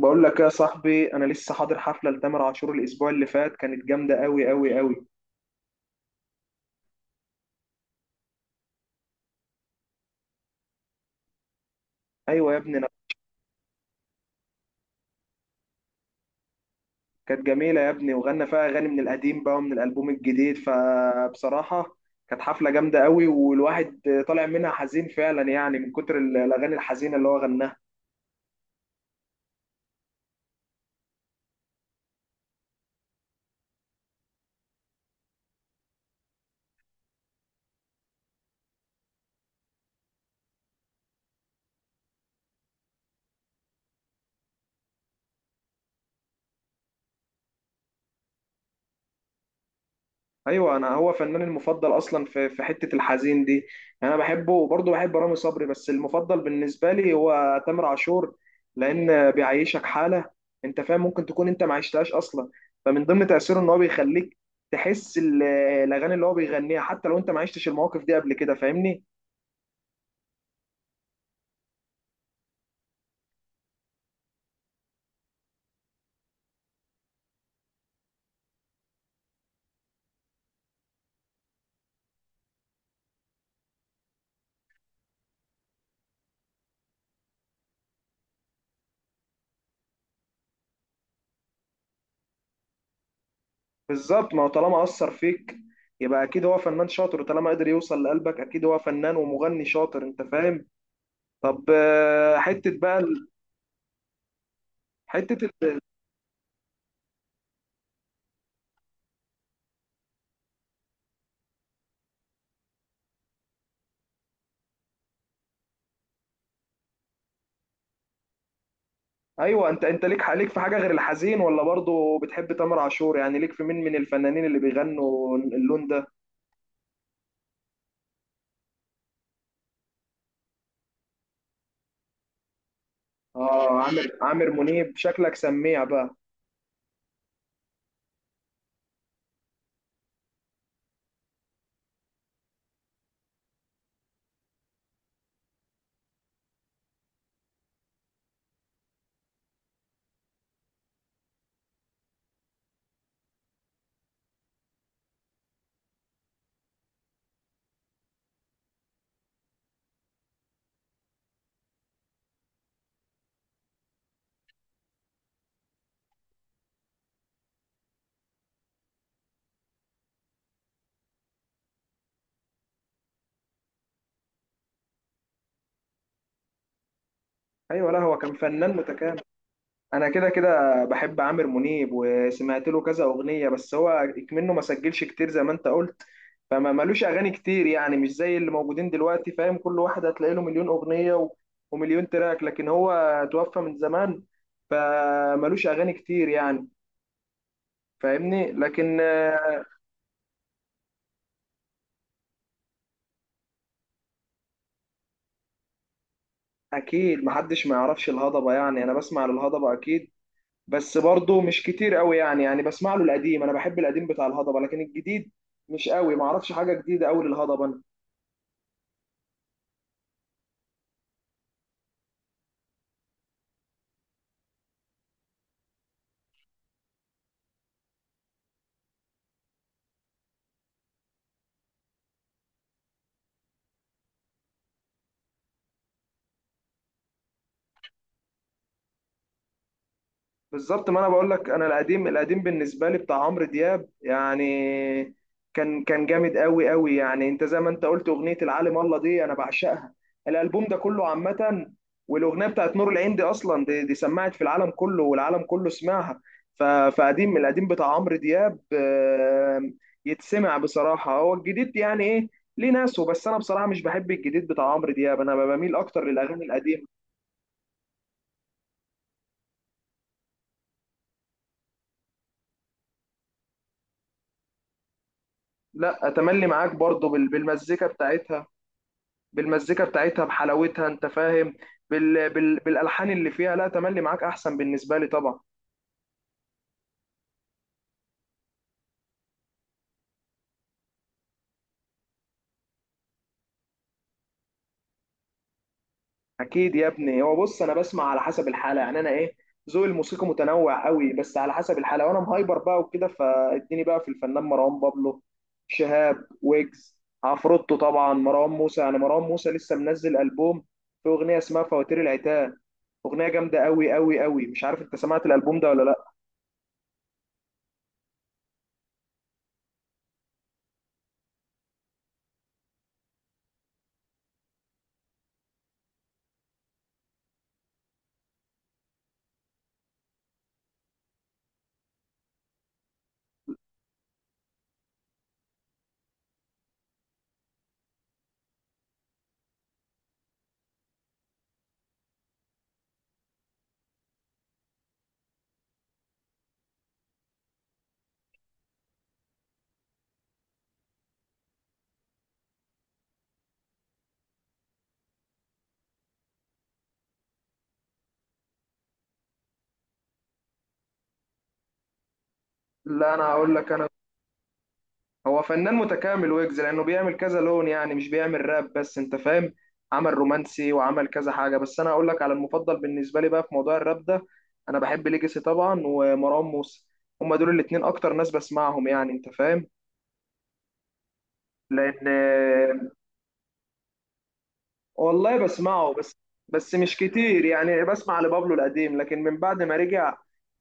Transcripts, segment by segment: بقول لك يا صاحبي، انا لسه حاضر حفله لتامر عاشور الاسبوع اللي فات. كانت جامده قوي قوي قوي. ايوه يا ابني أنا- كانت جميله يا ابني، وغنى فيها اغاني من القديم بقى ومن الالبوم الجديد. فبصراحه كانت حفله جامده قوي، والواحد طالع منها حزين فعلا، يعني من كتر الاغاني الحزينه اللي هو غناها. ايوه، انا هو فناني المفضل اصلا في حته الحزين دي. انا بحبه، وبرضه بحب رامي صبري، بس المفضل بالنسبه لي هو تامر عاشور، لان بيعيشك حاله. انت فاهم؟ ممكن تكون انت ما عشتهاش اصلا، فمن ضمن تاثيره ان هو بيخليك تحس الاغاني اللي هو بيغنيها حتى لو انت ما عشتش المواقف دي قبل كده. فاهمني؟ بالظبط، ما هو طالما اثر فيك يبقى اكيد هو فنان شاطر، وطالما قدر يوصل لقلبك اكيد هو فنان ومغني شاطر. انت فاهم؟ طب آه، حته. ايوه، انت ليك في حاجه غير الحزين، ولا برضو بتحب تامر عاشور؟ يعني ليك في مين من الفنانين اللي بيغنوا اللون ده؟ اه، عامر منيب، شكلك سميع بقى. ايوه، لا هو كان فنان متكامل. انا كده كده بحب عامر منيب، وسمعت له كذا اغنيه، بس هو منه ما سجلش كتير زي ما انت قلت. فما ملوش اغاني كتير يعني، مش زي اللي موجودين دلوقتي. فاهم؟ كل واحد هتلاقي له مليون اغنيه ومليون تراك، لكن هو توفى من زمان، فملوش اغاني كتير يعني. فاهمني؟ لكن اكيد محدش ما يعرفش الهضبه، يعني انا بسمع للهضبه اكيد، بس برضه مش كتير قوي يعني. يعني بسمع له القديم، انا بحب القديم بتاع الهضبه، لكن الجديد مش قوي، ما اعرفش حاجه جديده قوي للهضبه. بالظبط، ما انا بقول لك، انا القديم القديم بالنسبه لي بتاع عمرو دياب يعني، كان كان جامد قوي قوي. يعني انت زي ما انت قلت، اغنيه العالم الله دي انا بعشقها، الالبوم ده كله عامه. والاغنيه بتاعت نور العين دي اصلا، دي سمعت في العالم كله، والعالم كله سمعها. فقديم القديم بتاع عمرو دياب آه، يتسمع بصراحه. هو الجديد يعني ايه؟ ليه ناسه؟ بس انا بصراحه مش بحب الجديد بتاع عمرو دياب، انا بميل اكتر للاغاني القديمه. لا، اتملي معاك برضو بالمزيكا بتاعتها، بالمزيكا بتاعتها، بحلاوتها. انت فاهم؟ بالالحان اللي فيها. لا، تملي معاك احسن بالنسبه لي طبعا. اكيد يا ابني. هو بص، انا بسمع على حسب الحاله، يعني انا ايه، ذوقي الموسيقى متنوع قوي، بس على حسب الحاله. وانا مهايبر بقى وكده، فاديني بقى في الفنان مروان بابلو، شهاب، ويجز، عفروتو، طبعا مروان موسى. يعني مروان موسى لسه منزل البوم، في اغنيه اسمها فواتير العتاب، اغنيه جامده قوي قوي قوي. مش عارف انت سمعت الالبوم ده ولا لا؟ لا، انا هقول لك، انا هو فنان متكامل ويجز، لانه بيعمل كذا لون، يعني مش بيعمل راب بس. انت فاهم؟ عمل رومانسي، وعمل كذا حاجه، بس انا اقول لك على المفضل بالنسبه لي بقى في موضوع الراب ده. انا بحب ليجاسي طبعا، ومروان موسى، هما دول الاتنين اكتر ناس بسمعهم يعني. انت فاهم؟ لان والله بسمعه، بس بس مش كتير يعني. بسمع لبابلو القديم، لكن من بعد ما رجع،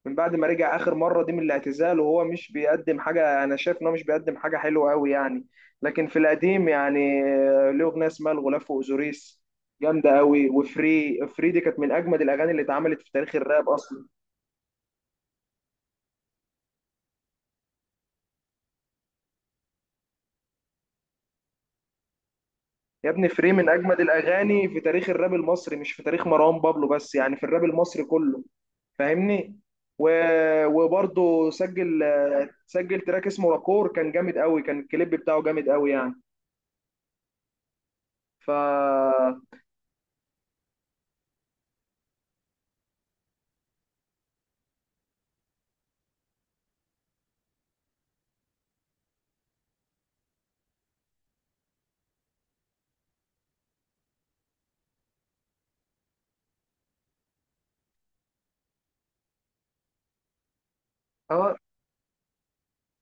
من بعد ما رجع آخر مرة دي من الاعتزال، وهو مش بيقدم حاجة. أنا شايف إن هو مش بيقدم حاجة حلوة أوي يعني. لكن في القديم يعني آه، له أغنية اسمها الغلاف وأوزوريس، جامدة أوي. وفري، فري دي كانت من أجمد الأغاني اللي اتعملت في تاريخ الراب أصلا. يا ابني فري من أجمد الأغاني في تاريخ الراب المصري، مش في تاريخ مروان بابلو بس يعني، في الراب المصري كله. فاهمني؟ و... وبرضه سجل تراك اسمه راكور، كان جامد قوي، كان الكليب بتاعه جامد قوي يعني. فا اه،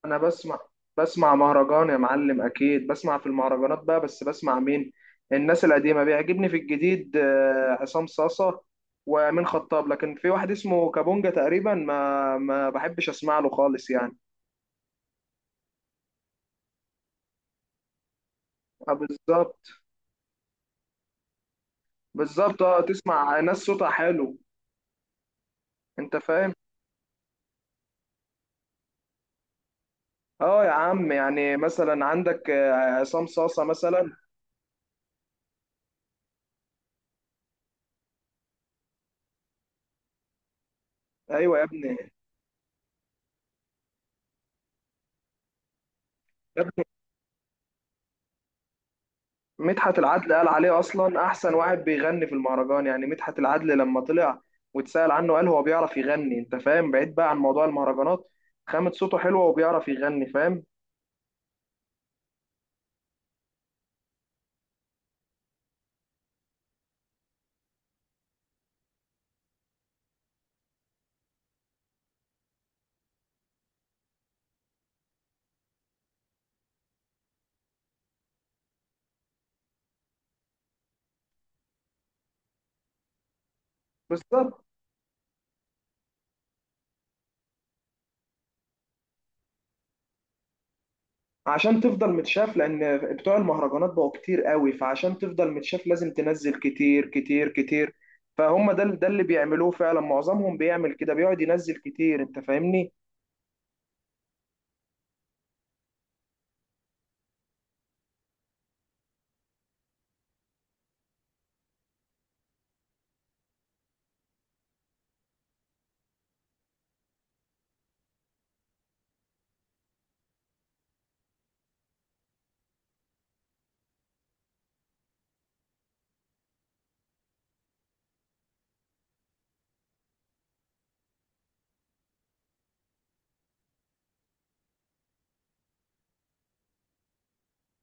انا بسمع مهرجان يا معلم، اكيد بسمع في المهرجانات بقى. بس بسمع مين؟ الناس القديمه، بيعجبني في الجديد آه، عصام صاصه، وامين خطاب. لكن في واحد اسمه كابونجا تقريبا، ما بحبش اسمع له خالص يعني. آه، بالظبط. بالظبط، اه، تسمع ناس صوتها حلو. انت فاهم؟ اه يا عم، يعني مثلا عندك آه، عصام صاصه مثلا. ايوه يا ابني، مدحت العدل قال عليه اصلا احسن واحد بيغني في المهرجان يعني. مدحت العدل لما طلع واتسأل عنه قال هو بيعرف يغني. انت فاهم؟ بعيد بقى عن موضوع المهرجانات، خامة صوته حلوة وبيعرف يغني. فاهم؟ بالظبط، عشان تفضل متشاف، لان بتوع المهرجانات بقوا كتير قوي، فعشان تفضل متشاف لازم تنزل كتير كتير كتير. فهم ده اللي بيعملوه فعلا، معظمهم بيعمل كده، بيقعد ينزل كتير. انت فاهمني؟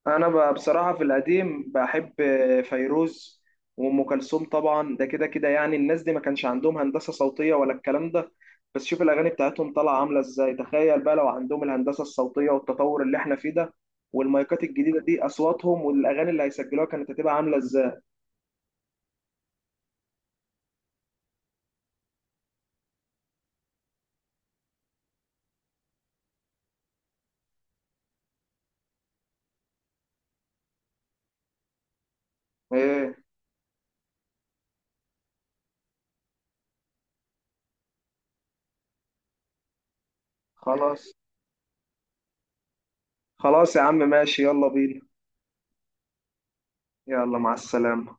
انا بصراحه في القديم بحب فيروز وام كلثوم طبعا، ده كده كده يعني. الناس دي ما كانش عندهم هندسه صوتيه ولا الكلام ده، بس شوف الاغاني بتاعتهم طالعه عامله ازاي. تخيل بقى لو عندهم الهندسه الصوتيه والتطور اللي احنا فيه ده، والمايكات الجديده دي، اصواتهم والاغاني اللي هيسجلوها كانت هتبقى عامله ازاي. ايه، خلاص، خلاص يا عم ماشي، يلا بينا. يلا مع السلامه.